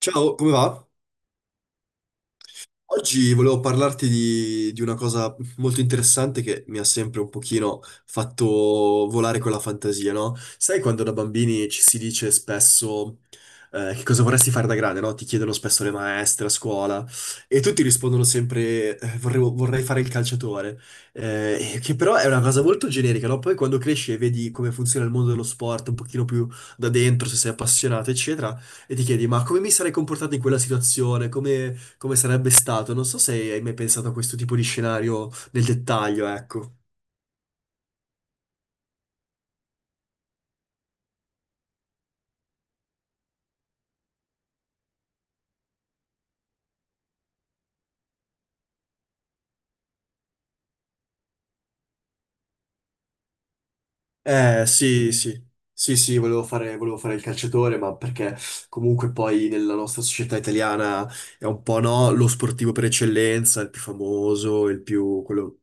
Ciao, come va? Oggi volevo parlarti di una cosa molto interessante che mi ha sempre un pochino fatto volare con la fantasia, no? Sai quando da bambini ci si dice spesso che cosa vorresti fare da grande, no? Ti chiedono spesso le maestre a scuola e tutti rispondono sempre vorrei fare il calciatore. Che però è una cosa molto generica, no? Poi quando cresci e vedi come funziona il mondo dello sport un pochino più da dentro, se sei appassionato, eccetera, e ti chiedi, ma come mi sarei comportato in quella situazione? Come, come sarebbe stato? Non so se hai mai pensato a questo tipo di scenario nel dettaglio, ecco. Sì, sì. Sì, sì, volevo fare il calciatore, ma perché comunque poi nella nostra società italiana è un po', no, lo sportivo per eccellenza, il più famoso, il più, quello.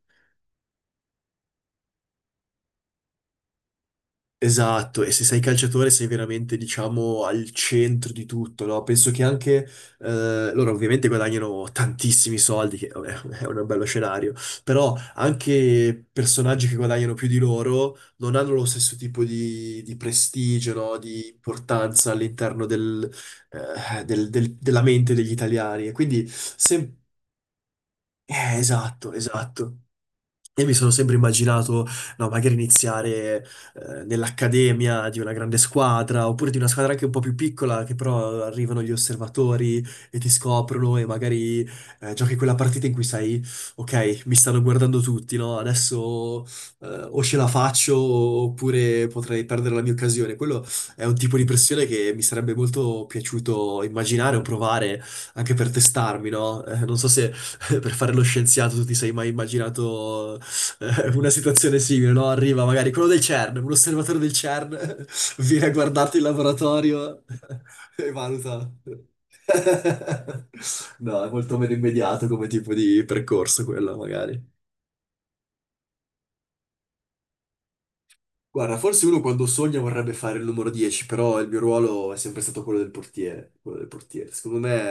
Esatto, e se sei calciatore sei veramente, diciamo, al centro di tutto, no? Penso che anche loro ovviamente guadagnano tantissimi soldi, che vabbè, è un bello scenario, però anche personaggi che guadagnano più di loro non hanno lo stesso tipo di prestigio, no? Di importanza all'interno della mente degli italiani. E quindi, se, esatto, esatto. Io mi sono sempre immaginato, no, magari iniziare nell'accademia di una grande squadra, oppure di una squadra anche un po' più piccola, che però arrivano gli osservatori e ti scoprono e magari giochi quella partita in cui sai, ok, mi stanno guardando tutti, no? Adesso o ce la faccio oppure potrei perdere la mia occasione. Quello è un tipo di pressione che mi sarebbe molto piaciuto immaginare o provare anche per testarmi, no? Non so se per fare lo scienziato, tu ti sei mai immaginato una situazione simile, no? Arriva magari quello del CERN, un osservatore del CERN, viene a guardarti in laboratorio e valuta. No, è molto meno immediato come tipo di percorso quello, magari. Guarda, forse uno quando sogna vorrebbe fare il numero 10, però il mio ruolo è sempre stato quello del portiere, quello del portiere. Secondo me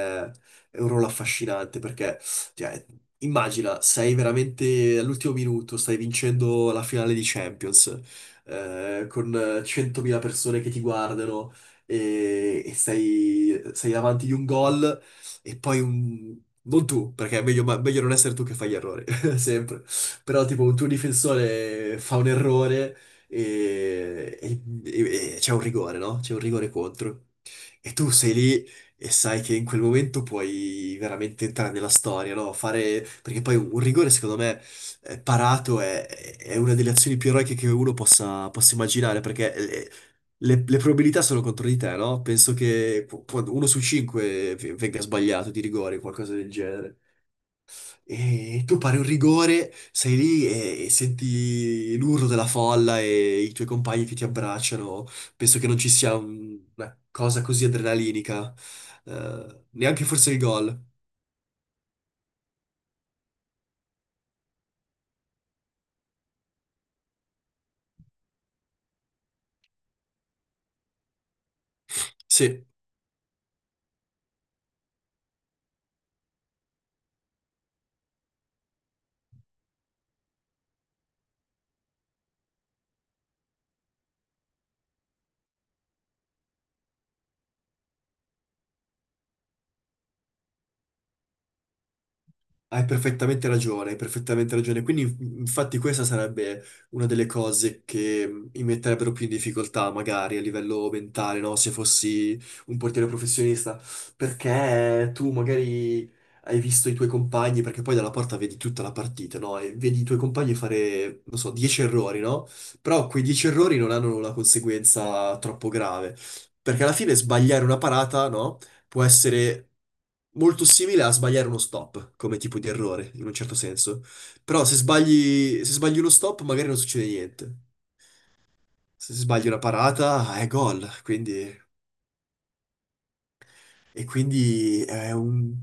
è un ruolo affascinante perché, cioè, immagina, sei veramente all'ultimo minuto, stai vincendo la finale di Champions, con 100.000 persone che ti guardano e sei davanti di un gol e poi un, non tu, perché è meglio, meglio non essere tu che fai gli errori, sempre. Però tipo un tuo difensore fa un errore e c'è un rigore, no? C'è un rigore contro. E tu sei lì e sai che in quel momento puoi veramente entrare nella storia, no? Fare. Perché poi un rigore, secondo me, parato è una delle azioni più eroiche che uno possa immaginare, perché le probabilità sono contro di te, no? Penso che quando uno su cinque venga sbagliato di rigore, qualcosa del genere. E tu pari un rigore, sei lì e senti l'urlo della folla e i tuoi compagni che ti abbracciano. Penso che non ci sia una cosa così adrenalinica, neanche forse il gol. Sì. Hai perfettamente ragione, hai perfettamente ragione. Quindi, infatti, questa sarebbe una delle cose che mi metterebbero più in difficoltà, magari a livello mentale, no? Se fossi un portiere professionista, perché tu magari hai visto i tuoi compagni, perché poi dalla porta vedi tutta la partita, no? E vedi i tuoi compagni fare, non so, 10 errori, no? Però quei 10 errori non hanno una conseguenza troppo grave. Perché alla fine sbagliare una parata, no? Può essere molto simile a sbagliare uno stop come tipo di errore, in un certo senso. Però se sbagli uno stop, magari non succede niente. Se sbagli una parata, è gol. Quindi, è un.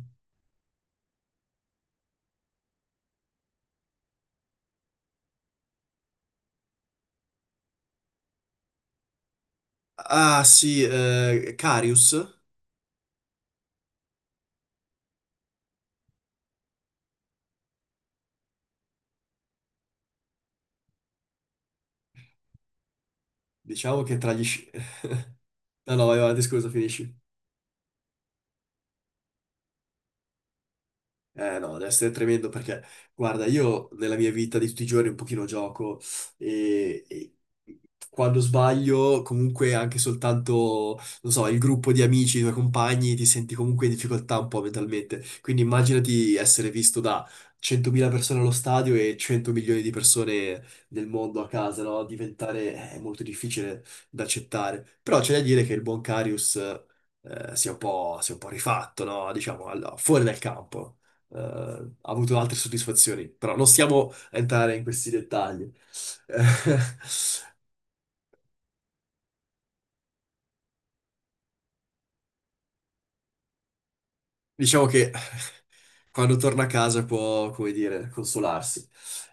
Ah sì, Karius, diciamo che No, no, vai avanti, scusa, finisci. Eh no, deve essere tremendo perché, guarda, io nella mia vita di tutti i giorni un pochino gioco e quando sbaglio, comunque anche soltanto, non so, il gruppo di amici, i tuoi compagni, ti senti comunque in difficoltà un po' mentalmente. Quindi immaginati essere visto da 100.000 persone allo stadio e 100 milioni di persone nel mondo a casa, no? Diventare è molto difficile da accettare. Però c'è da dire che il buon Karius, si è un po' rifatto, no? Diciamo, allora, fuori dal campo ha avuto altre soddisfazioni, però non stiamo a entrare in questi dettagli. Eh, diciamo che quando torna a casa può, come dire, consolarsi.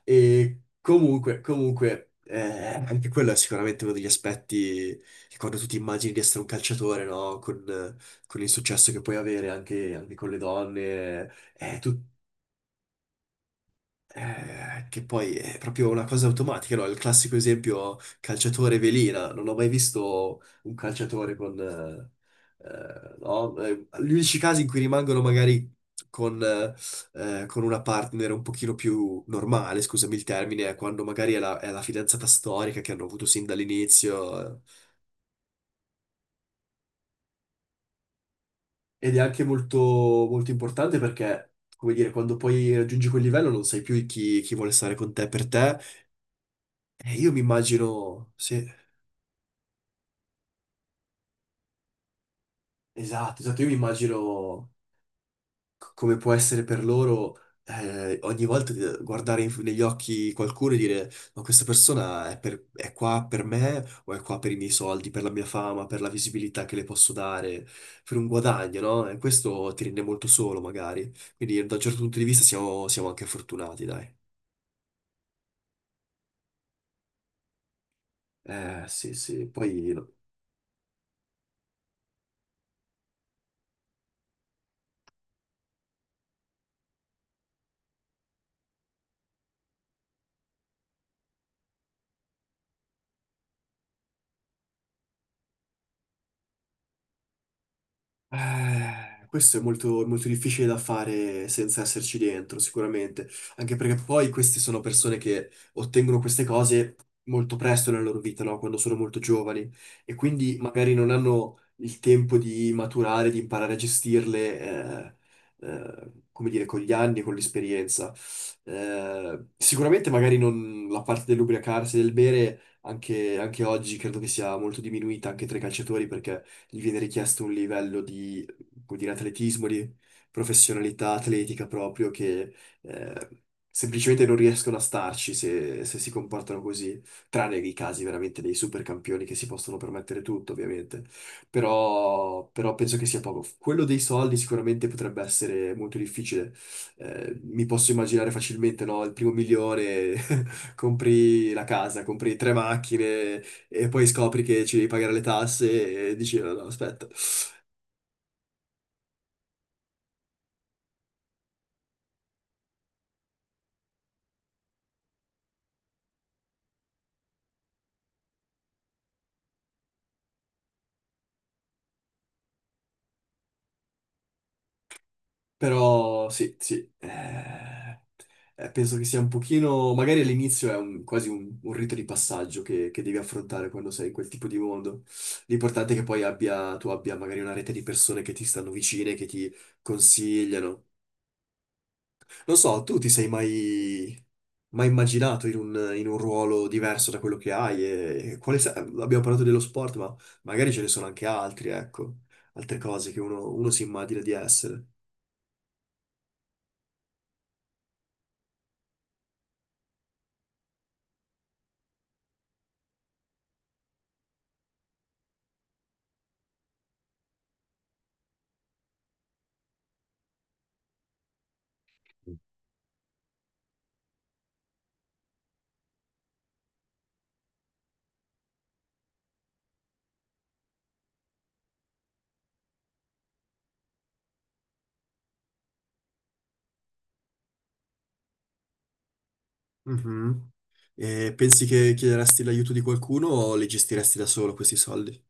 E comunque, anche quello è sicuramente uno degli aspetti che quando tu ti immagini di essere un calciatore, no? Con il successo che puoi avere anche con le donne, tu che poi è proprio una cosa automatica, no? Il classico esempio calciatore velina. Non ho mai visto un calciatore con, no? Gli unici casi in cui rimangono magari con, eh, con una partner un pochino più normale, scusami il termine, è quando magari è è la fidanzata storica che hanno avuto sin dall'inizio. Ed è anche molto, molto importante perché, come dire, quando poi raggiungi quel livello non sai più chi vuole stare con te per te. Io mi immagino, sì. Esatto, esatto, io mi immagino come può essere per loro ogni volta guardare negli occhi qualcuno e dire ma questa persona è, è qua per me o è qua per i miei soldi, per la mia fama, per la visibilità che le posso dare, per un guadagno, no? E questo ti rende molto solo magari, quindi da un certo punto di vista siamo anche fortunati, dai. Eh sì, sì, poi no. Questo è molto, molto difficile da fare senza esserci dentro, sicuramente, anche perché poi queste sono persone che ottengono queste cose molto presto nella loro vita, no? Quando sono molto giovani e quindi magari non hanno il tempo di maturare, di imparare a gestirle, eh, come dire, con gli anni, con l'esperienza. Sicuramente magari non la parte dell'ubriacarsi, del bere, anche oggi credo che sia molto diminuita anche tra i calciatori perché gli viene richiesto un livello di, come dire, atletismo, di professionalità atletica proprio che eh, semplicemente non riescono a starci se si comportano così, tranne i casi veramente dei super campioni che si possono permettere tutto, ovviamente. Però penso che sia poco. Quello dei soldi sicuramente potrebbe essere molto difficile. Mi posso immaginare facilmente, no? Il primo milione compri la casa, compri tre macchine e poi scopri che ci devi pagare le tasse e dici no, no, aspetta. Però sì, sì, penso che sia un pochino, magari all'inizio è quasi un rito di passaggio che devi affrontare quando sei in quel tipo di mondo. L'importante è che poi abbia, tu abbia magari una rete di persone che ti stanno vicine, che ti consigliano. Non so, tu ti sei mai immaginato in in un ruolo diverso da quello che hai? E quale abbiamo parlato dello sport, ma magari ce ne sono anche altri, ecco, altre cose che uno si immagina di essere. Mhm. E pensi che chiederesti l'aiuto di qualcuno o li gestiresti da solo questi soldi?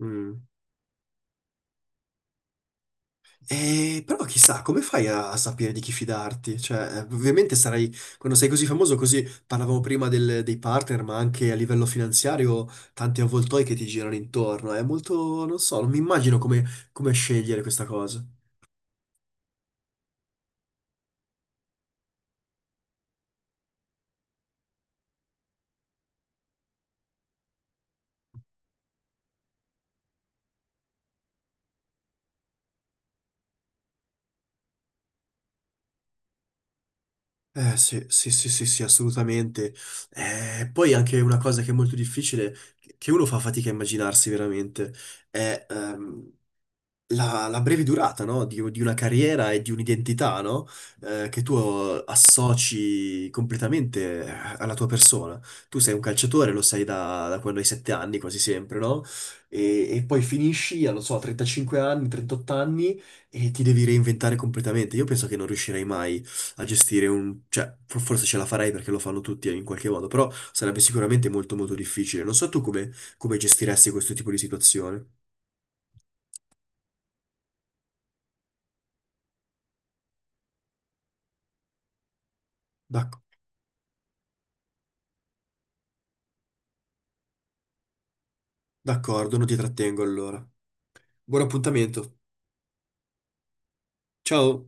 Mm. Però chissà, come fai a sapere di chi fidarti? Cioè, ovviamente sarai, quando sei così famoso, così parlavamo prima dei partner, ma anche a livello finanziario, tanti avvoltoi che ti girano intorno. È molto, non so, non mi immagino come, scegliere questa cosa. Eh sì, sì, sì, sì, sì, assolutamente. Poi anche una cosa che è molto difficile, che uno fa fatica a immaginarsi veramente, è la breve durata, no? Di una carriera e di un'identità, no? Che tu associ completamente alla tua persona. Tu sei un calciatore, lo sei da quando hai 7 anni, quasi sempre, no? E poi finisci, a, non so, a 35 anni, 38 anni e ti devi reinventare completamente. Io penso che non riuscirei mai a gestire un, cioè, forse ce la farei perché lo fanno tutti in qualche modo, però sarebbe sicuramente molto molto difficile. Non so tu come, gestiresti questo tipo di situazione. D'accordo, non ti trattengo allora. Buon appuntamento. Ciao.